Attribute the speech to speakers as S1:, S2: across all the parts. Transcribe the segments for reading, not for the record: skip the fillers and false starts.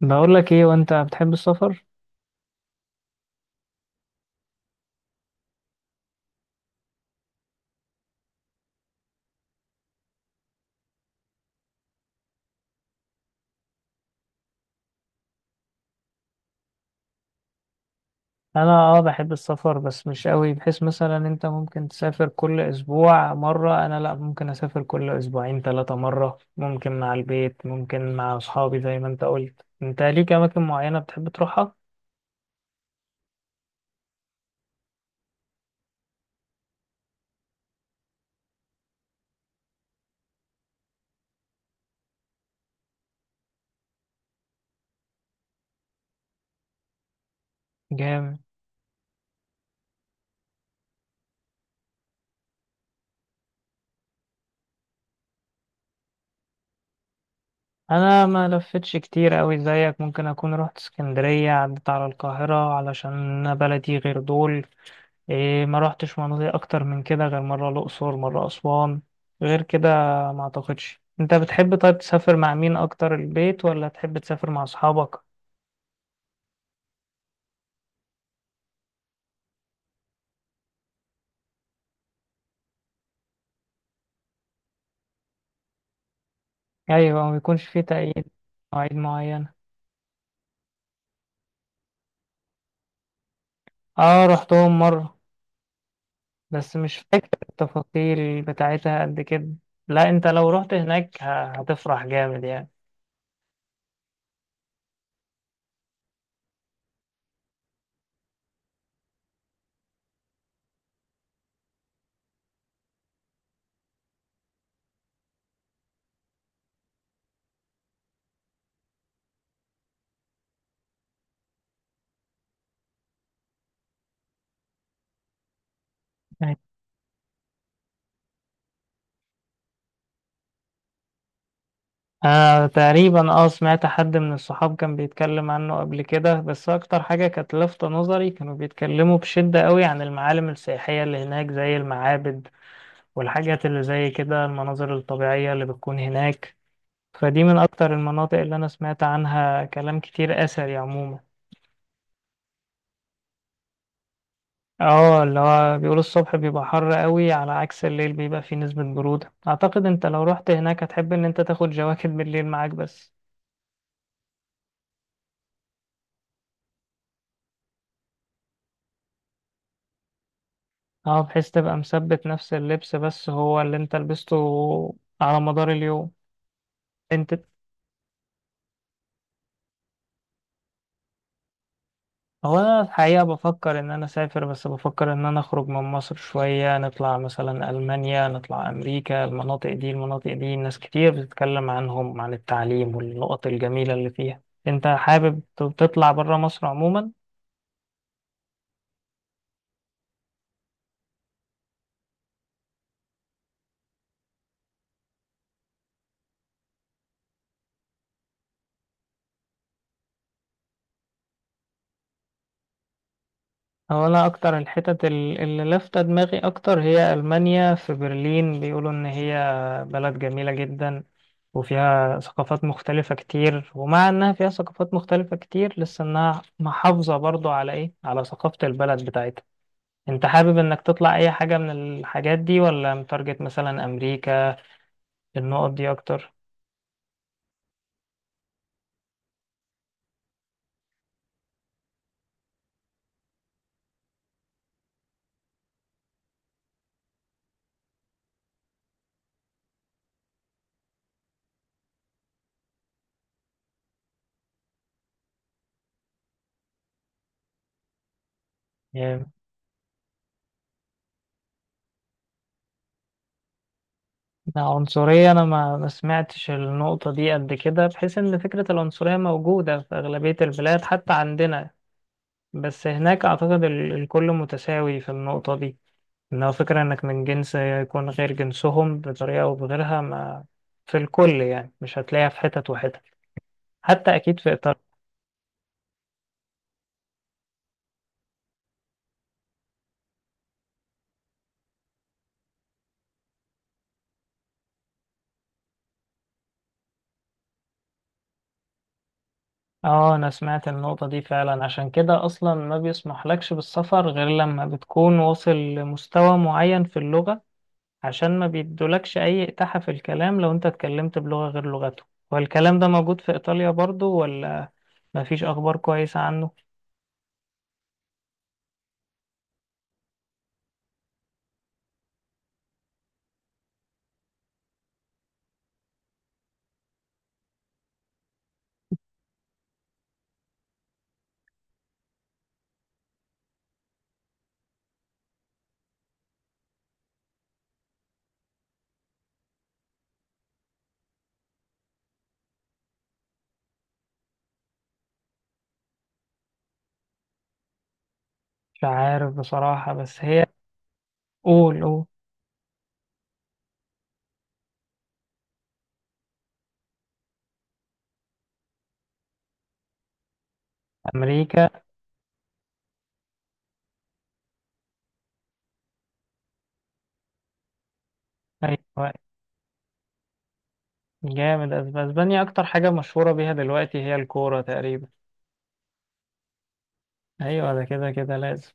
S1: بقول لك ايه، وانت بتحب السفر؟ انا اه بحب السفر بس مش قوي، بحيث مثلا انت ممكن تسافر كل اسبوع مرة، انا لا، ممكن اسافر كل اسبوعين 3 مرة، ممكن مع البيت ممكن مع اصحابي زي ما انت قلت. انت ليك اماكن معينة بتحب تروحها؟ جامد. انا ما لفتش كتير قوي زيك، ممكن اكون رحت اسكندرية عدت على القاهرة علشان أنا بلدي غير دول. إيه، ما روحتش مناطق اكتر من كده غير مرة الاقصر مرة اسوان غير كده، ما اعتقدش. انت بتحب طيب تسافر مع مين اكتر، البيت ولا تحب تسافر مع اصحابك؟ ايوه، ما يكونش فيه تأييد مواعيد معينة. اه، رحتهم مرة. بس مش فاكر التفاصيل بتاعتها قد كده. لا، انت لو رحت هناك هتفرح جامد يعني. أنا تقريبا سمعت حد من الصحاب كان بيتكلم عنه قبل كده، بس أكتر حاجة كانت لافتة نظري، كانوا بيتكلموا بشدة قوي عن المعالم السياحية اللي هناك زي المعابد والحاجات اللي زي كده، المناظر الطبيعية اللي بتكون هناك. فدي من أكتر المناطق اللي أنا سمعت عنها كلام كتير أثري عموما. اه، اللي هو بيقولوا الصبح بيبقى حر قوي على عكس الليل بيبقى فيه نسبة برودة. أعتقد أنت لو رحت هناك هتحب إن أنت تاخد جواكت بالليل معاك بس. اه، بحيث تبقى مثبت نفس اللبس بس هو اللي انت لبسته على مدار اليوم. انت هو انا الحقيقة بفكر ان انا اسافر، بس بفكر ان انا اخرج من مصر شوية، نطلع مثلا المانيا نطلع امريكا. المناطق دي ناس كتير بتتكلم عنهم عن التعليم والنقط الجميلة اللي فيها. انت حابب تطلع برا مصر عموما؟ هو انا اكتر الحتت اللي لافتة دماغي اكتر هي المانيا. في برلين بيقولوا ان هي بلد جميلة جدا، وفيها ثقافات مختلفة كتير، ومع إنها فيها ثقافات مختلفة كتير لسه إنها محافظة برضو على إيه؟ على ثقافة البلد بتاعتها. أنت حابب إنك تطلع أي حاجة من الحاجات دي، ولا متارجت مثلا أمريكا النقط دي أكتر؟ يعني. عنصرية، أنا ما سمعتش النقطة دي قد كده، بحيث إن فكرة العنصرية موجودة في أغلبية البلاد حتى عندنا. بس هناك أعتقد الكل متساوي في النقطة دي، لو فكرة إنك من جنس يكون غير جنسهم بطريقة أو بغيرها ما، في الكل يعني مش هتلاقيها في حتت وحتت، حتى أكيد في إطار. آه، أنا سمعت النقطة دي فعلا، عشان كده أصلا ما بيسمح لكش بالسفر غير لما بتكون واصل لمستوى معين في اللغة. عشان ما بيدولكش أي إتاحة في الكلام لو أنت اتكلمت بلغة غير لغته. والكلام ده موجود في إيطاليا برضو، ولا مفيش أخبار كويسة عنه؟ مش عارف بصراحة، بس هي. قول قول. أمريكا. أيوة. جامد. اسبانيا اكتر حاجة مشهورة بيها دلوقتي هي الكورة تقريبا. ايوه ده كده كده لازم.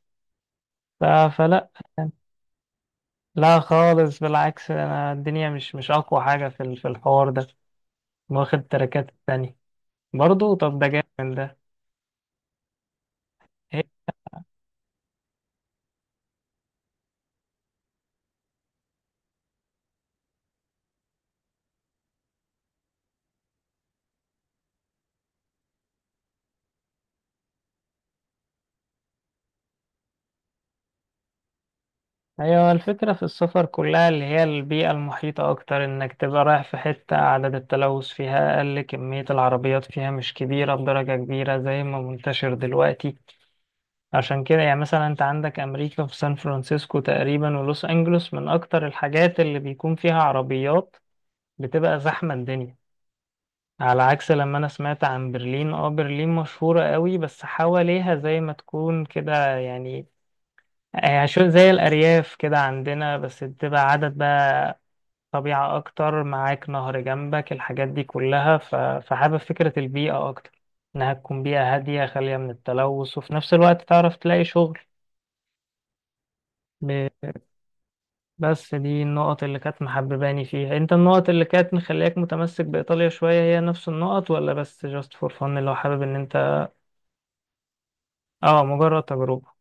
S1: ف- فلا. لا خالص، بالعكس، انا الدنيا مش اقوى حاجة في في الحوار ده، واخد التراكات التانية. برضو طب، ده جامد ده. هي- ايوه، الفكرة في السفر كلها اللي هي البيئة المحيطة اكتر، انك تبقى رايح في حتة عدد التلوث فيها اقل، كمية العربيات فيها مش كبيرة بدرجة كبيرة زي ما منتشر دلوقتي. عشان كده يعني، مثلا انت عندك امريكا في سان فرانسيسكو تقريبا ولوس انجلوس من اكتر الحاجات اللي بيكون فيها عربيات، بتبقى زحمة الدنيا. على عكس لما انا سمعت عن برلين، برلين مشهورة قوي بس حواليها زي ما تكون كده يعني، زي الارياف كده عندنا، بس بتبقى عدد بقى طبيعة اكتر، معاك نهر جنبك الحاجات دي كلها. فحابب فكرة البيئة اكتر، انها تكون بيئة هادية خالية من التلوث وفي نفس الوقت تعرف تلاقي شغل. بس دي النقط اللي كانت محبباني فيها. انت، النقط اللي كانت مخلياك متمسك بإيطاليا شوية هي نفس النقط، ولا بس جاست فور فن اللي هو حابب ان انت؟ اه، مجرد تجربة.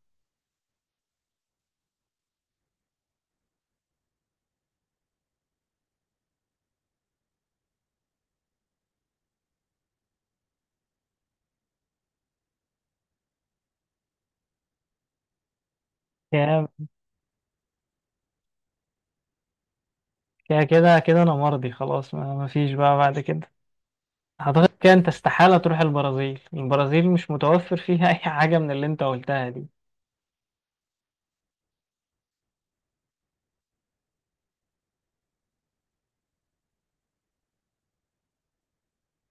S1: يا- يا كده كده انا مرضي خلاص، ما فيش بقى بعد كده. اعتقد كده انت استحالة تروح البرازيل. البرازيل مش متوفر فيها اي حاجة من اللي انت قلتها دي.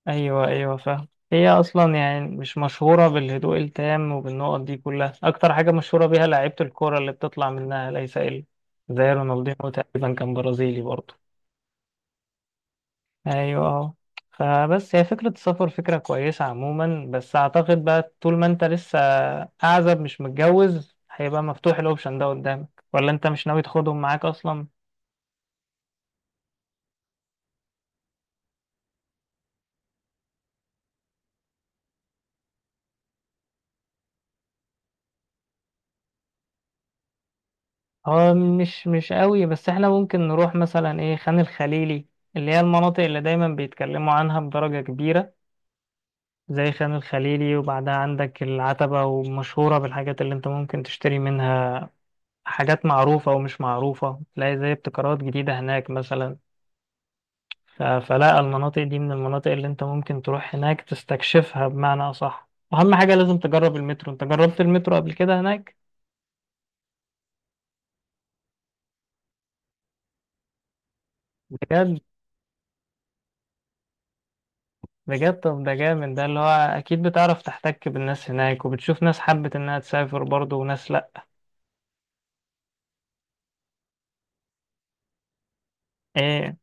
S1: ايوه ايوه فاهم. هي اصلا يعني مش مشهوره بالهدوء التام وبالنقط دي كلها، اكتر حاجه مشهوره بيها لعيبه الكوره اللي بتطلع منها ليس الا. زي رونالدينو تقريبا كان برازيلي برضه. ايوه اه. فبس هي فكره السفر فكره كويسه عموما، بس اعتقد بقى طول ما انت لسه اعزب مش متجوز هيبقى مفتوح الاوبشن ده قدامك، ولا انت مش ناوي تاخدهم معاك اصلا؟ هو مش قوي، بس احنا ممكن نروح مثلا خان الخليلي، اللي هي المناطق اللي دايما بيتكلموا عنها بدرجة كبيرة زي خان الخليلي. وبعدها عندك العتبة، ومشهورة بالحاجات اللي انت ممكن تشتري منها، حاجات معروفة ومش معروفة، تلاقي زي ابتكارات جديدة هناك مثلا. فلا المناطق دي من المناطق اللي انت ممكن تروح هناك تستكشفها بمعنى أصح. أهم حاجة لازم تجرب المترو. انت جربت المترو قبل كده هناك؟ بجد؟ بجد طب ده جامد ده، اللي هو اكيد بتعرف تحتك بالناس هناك، وبتشوف ناس حبت انها تسافر برضه وناس لا. ايه.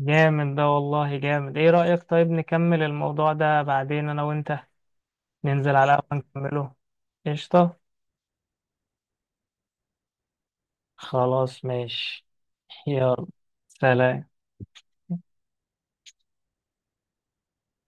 S1: جامد ده، والله جامد. ايه رأيك طيب نكمل الموضوع ده بعدين، انا وانت ننزل على قهوة نكمله؟ قشطة. خلاص ماشي. يلا. سلام.